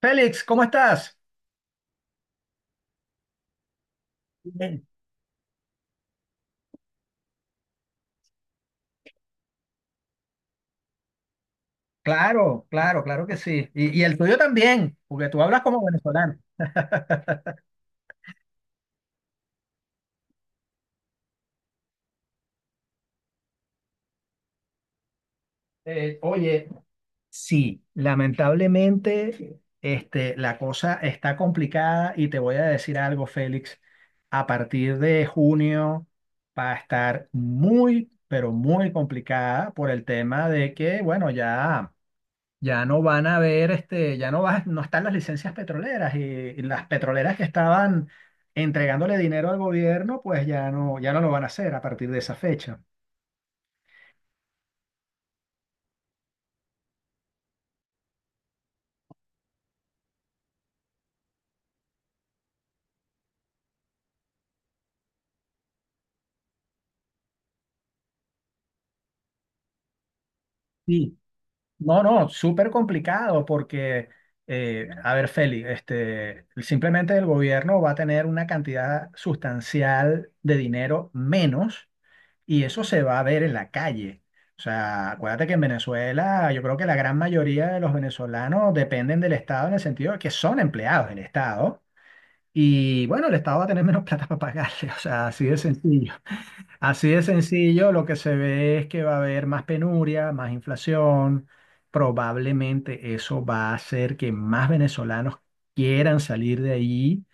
Félix, ¿cómo estás? Bien. Claro, claro, claro que sí. Y el tuyo también, porque tú hablas como venezolano. Eh, oye, Sí, lamentablemente, este, la cosa está complicada y te voy a decir algo, Félix. A partir de junio va a estar muy, pero muy complicada por el tema de que, bueno, ya. Ya no van a haber, este, ya no vas, no están las licencias petroleras y las petroleras que estaban entregándole dinero al gobierno, pues ya no, ya no lo van a hacer a partir de esa fecha. Sí. No, no, súper complicado porque, a ver, Feli, este, simplemente el gobierno va a tener una cantidad sustancial de dinero menos. Y eso se va a ver en la calle. O sea, acuérdate que en Venezuela yo creo que la gran mayoría de los venezolanos dependen del Estado en el sentido de que son empleados del Estado. Y bueno, el Estado va a tener menos plata para pagarle. O sea, así de sencillo. Así de sencillo, lo que se ve es que va a haber más penuria, más inflación. Probablemente eso va a hacer que más venezolanos quieran salir de allí,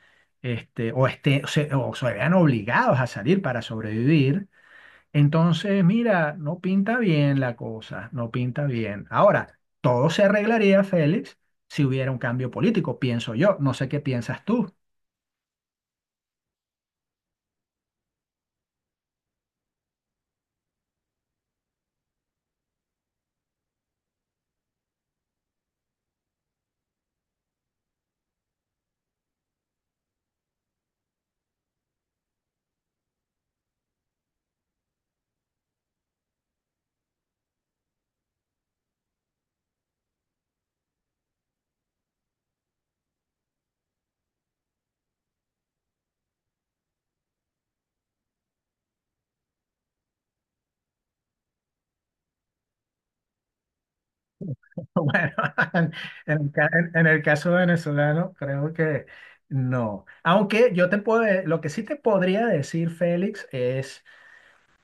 este, o, esté, o se vean obligados a salir para sobrevivir. Entonces, mira, no pinta bien la cosa, no pinta bien. Ahora, todo se arreglaría, Félix, si hubiera un cambio político, pienso yo. No sé qué piensas tú. Bueno, en, el ca- en el caso venezolano, creo que no. Aunque yo te puedo, de- lo que sí te podría decir, Félix,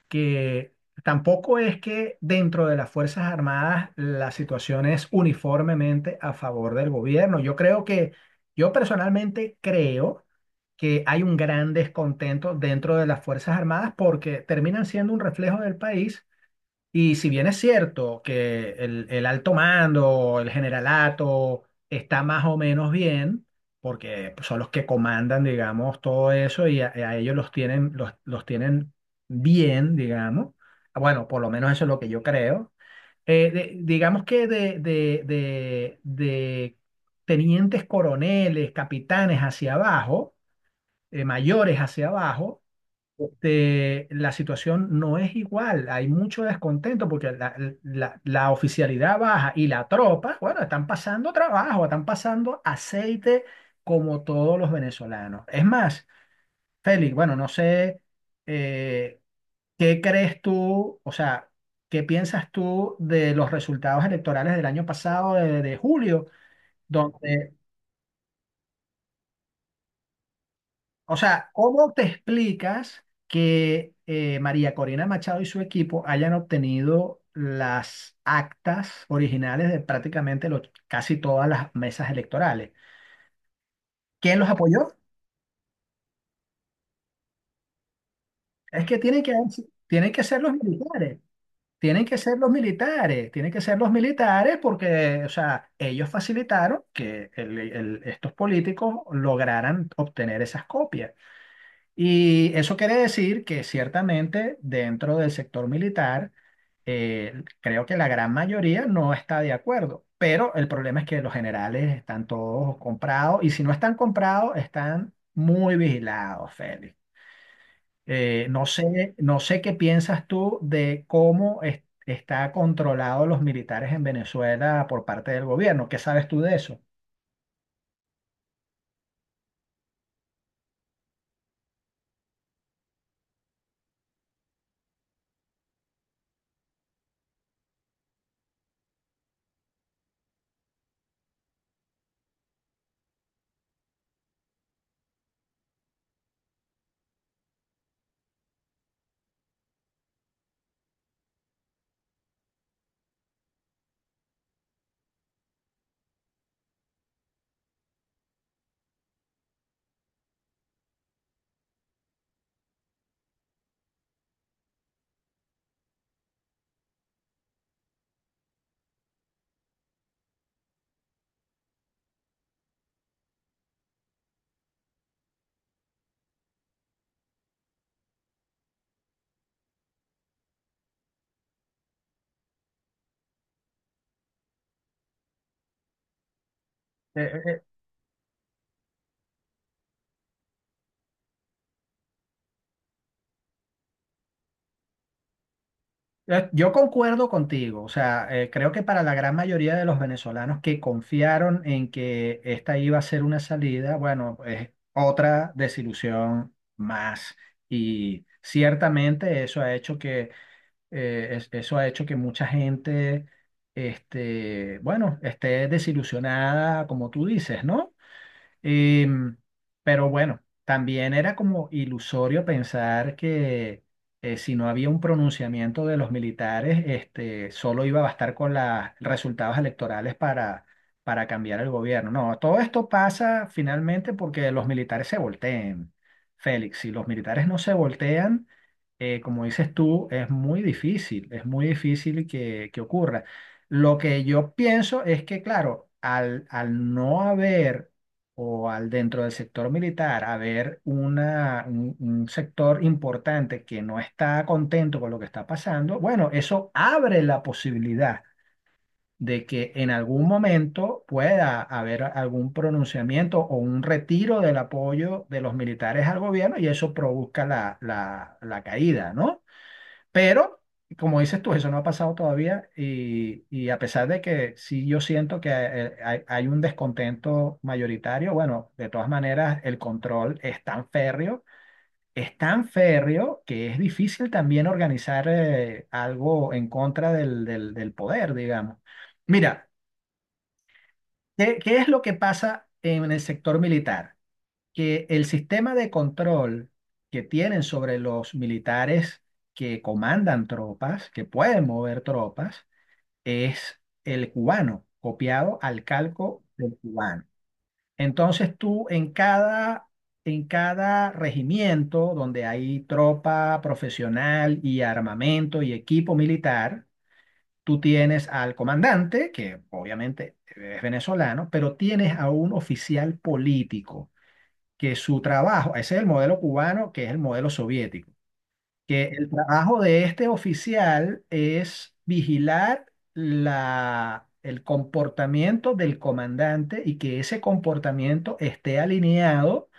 que tampoco es que dentro de las Fuerzas Armadas la situación es uniformemente a favor del gobierno. Yo creo que, yo personalmente creo que hay un gran descontento dentro de las Fuerzas Armadas porque terminan siendo un reflejo del país y si bien es cierto que el alto mando, el generalato, está más o menos bien, porque pues, son los que comandan, digamos, todo eso y a ellos los tienen bien, digamos. Bueno, por lo menos eso es lo que yo creo. De- digamos que de tenientes coroneles, capitanes hacia abajo, mayores hacia abajo, este, la situación no es igual. Hay mucho descontento porque la- la oficialidad baja y la tropa, bueno, están pasando trabajo, están pasando aceite como todos los venezolanos. Es más, Félix, bueno, no sé eh, qué crees tú, o sea, qué piensas tú de los resultados electorales del año pasado, de julio, donde. O sea, ¿cómo te explicas que María Corina Machado y su equipo hayan obtenido las actas originales de prácticamente los- casi todas las mesas electorales? ¿Quién los apoyó? Es que tienen que, tienen que ser los militares, tienen que ser los militares, tienen que ser los militares porque, o sea, ellos facilitaron que el- estos políticos lograran obtener esas copias. Y eso quiere decir que ciertamente dentro del sector militar, creo que la gran mayoría no está de acuerdo, pero el problema es que los generales están todos comprados y si no están comprados, están muy vigilados, Félix. No sé, no sé qué piensas tú de cómo es- está controlado los militares en Venezuela por parte del gobierno. ¿Qué sabes tú de eso? Yo concuerdo contigo, o sea, creo que para la gran mayoría de los venezolanos que confiaron en que esta iba a ser una salida, bueno, es otra desilusión más. Y ciertamente eso ha hecho que, es- eso ha hecho que mucha gente, este, bueno, esté desilusionada, como tú dices, ¿no? Em, pero bueno, también era como ilusorio pensar que si no había un pronunciamiento de los militares, este, solo iba a bastar con los resultados electorales para cambiar el gobierno. No, todo esto pasa finalmente porque los militares se volteen, Félix. Si los militares no se voltean, como dices tú, es muy difícil que ocurra. Lo que yo pienso es que, claro, al, al no haber o al dentro del sector militar haber una, un sector importante que no está contento con lo que está pasando, bueno, eso abre la posibilidad de que en algún momento pueda haber algún pronunciamiento o un retiro del apoyo de los militares al gobierno y eso produzca la, la, la caída, ¿no? Pero, como dices tú, eso no ha pasado todavía y a pesar de que sí yo siento que hay, hay un descontento mayoritario, bueno, de todas maneras el control es tan férreo que es difícil también organizar algo en contra del, del- del poder, digamos. Mira, ¿qué, qué es lo que pasa en el sector militar? Que el sistema de control que tienen sobre los militares que comandan tropas, que pueden mover tropas, es el cubano, copiado al calco del cubano. Entonces tú en cada regimiento donde hay tropa profesional y armamento y equipo militar, tú tienes al comandante, que obviamente es venezolano, pero tienes a un oficial político que su trabajo, ese es el modelo cubano, que es el modelo soviético, que el trabajo de este oficial es vigilar la, el comportamiento del comandante y que ese comportamiento esté alineado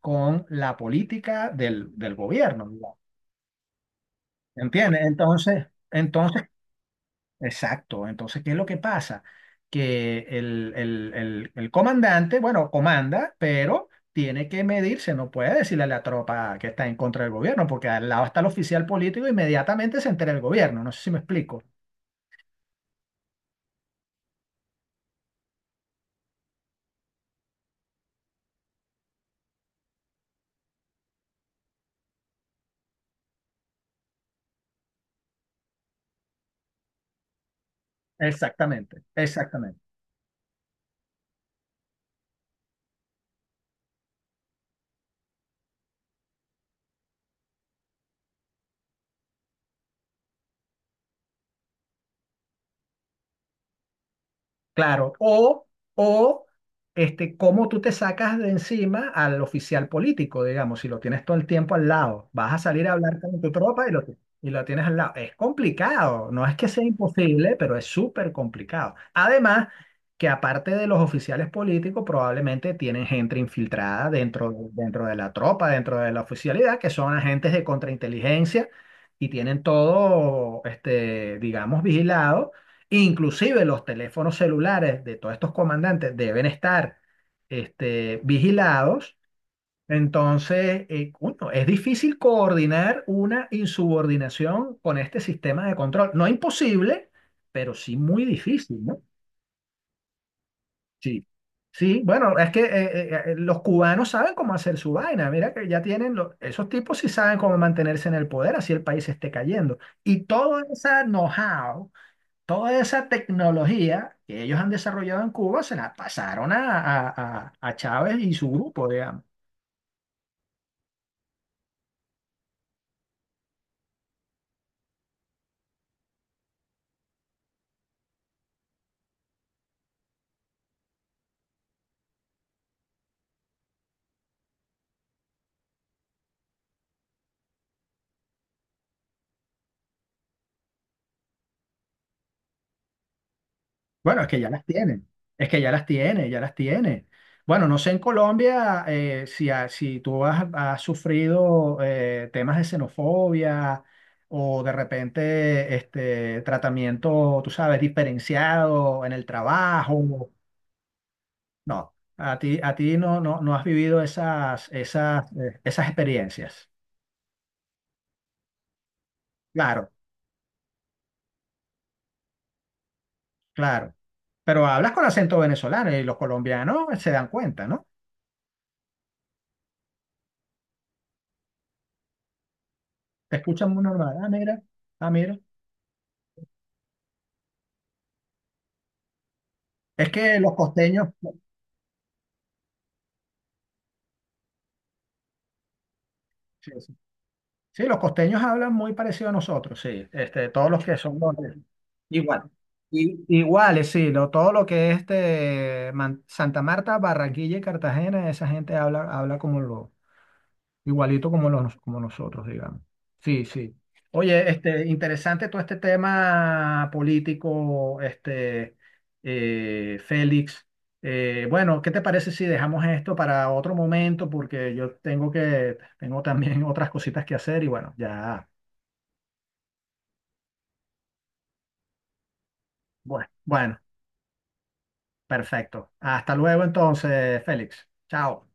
con la política del, del gobierno, ¿entiende? Entonces, entonces. Exacto. Entonces, ¿qué es lo que pasa? Que el comandante, bueno, comanda, pero tiene que medirse, no puede decirle a la tropa que está en contra del gobierno, porque al lado está el oficial político, inmediatamente se entera el gobierno. No sé si me explico. Exactamente, exactamente. Claro, o este, cómo tú te sacas de encima al oficial político, digamos, si lo tienes todo el tiempo al lado, vas a salir a hablar con tu tropa y lo tienes al lado. Es complicado, no es que sea imposible, pero es súper complicado. Además, que aparte de los oficiales políticos, probablemente tienen gente infiltrada dentro, dentro de la tropa, dentro de la oficialidad, que son agentes de contrainteligencia y tienen todo, este, digamos, vigilado. Inclusive los teléfonos celulares de todos estos comandantes deben estar este, vigilados. Entonces, coño, es difícil coordinar una insubordinación con este sistema de control. No imposible, pero sí muy difícil, ¿no? Sí. Sí, bueno, es que los cubanos saben cómo hacer su vaina. Mira que ya tienen, los- esos tipos sí saben cómo mantenerse en el poder, así el país esté cayendo. Y todo ese know-how, toda esa tecnología que ellos han desarrollado en Cuba se la pasaron a Chávez y su grupo, digamos. Bueno, es que ya las tienen, es que ya las tiene, ya las tiene. Bueno, no sé en Colombia si, ha- si tú has, has sufrido temas de xenofobia o de repente este tratamiento, tú sabes, diferenciado en el trabajo. No, a ti no, no, no has vivido esas, esas, esas experiencias. Claro, claro. Pero hablas con acento venezolano y los colombianos se dan cuenta, ¿no? Te escuchan muy normal. Ah, mira, ah, mira. Es que los costeños, sí, sí. Sí, los costeños hablan muy parecido a nosotros, sí. Este, todos los que son los- igual. I- Iguales, sí, lo- todo lo que es este, Man- Santa Marta, Barranquilla y Cartagena, esa gente habla, habla como, lo- igualito como, los, como nosotros, digamos. Sí, sí. Oye, este, interesante todo este tema político, este, Félix. Bueno, ¿qué te parece si dejamos esto para otro momento? Porque yo tengo que, tengo también otras cositas que hacer y bueno, ya, bueno, bueno, perfecto. Hasta luego entonces, Félix. Chao.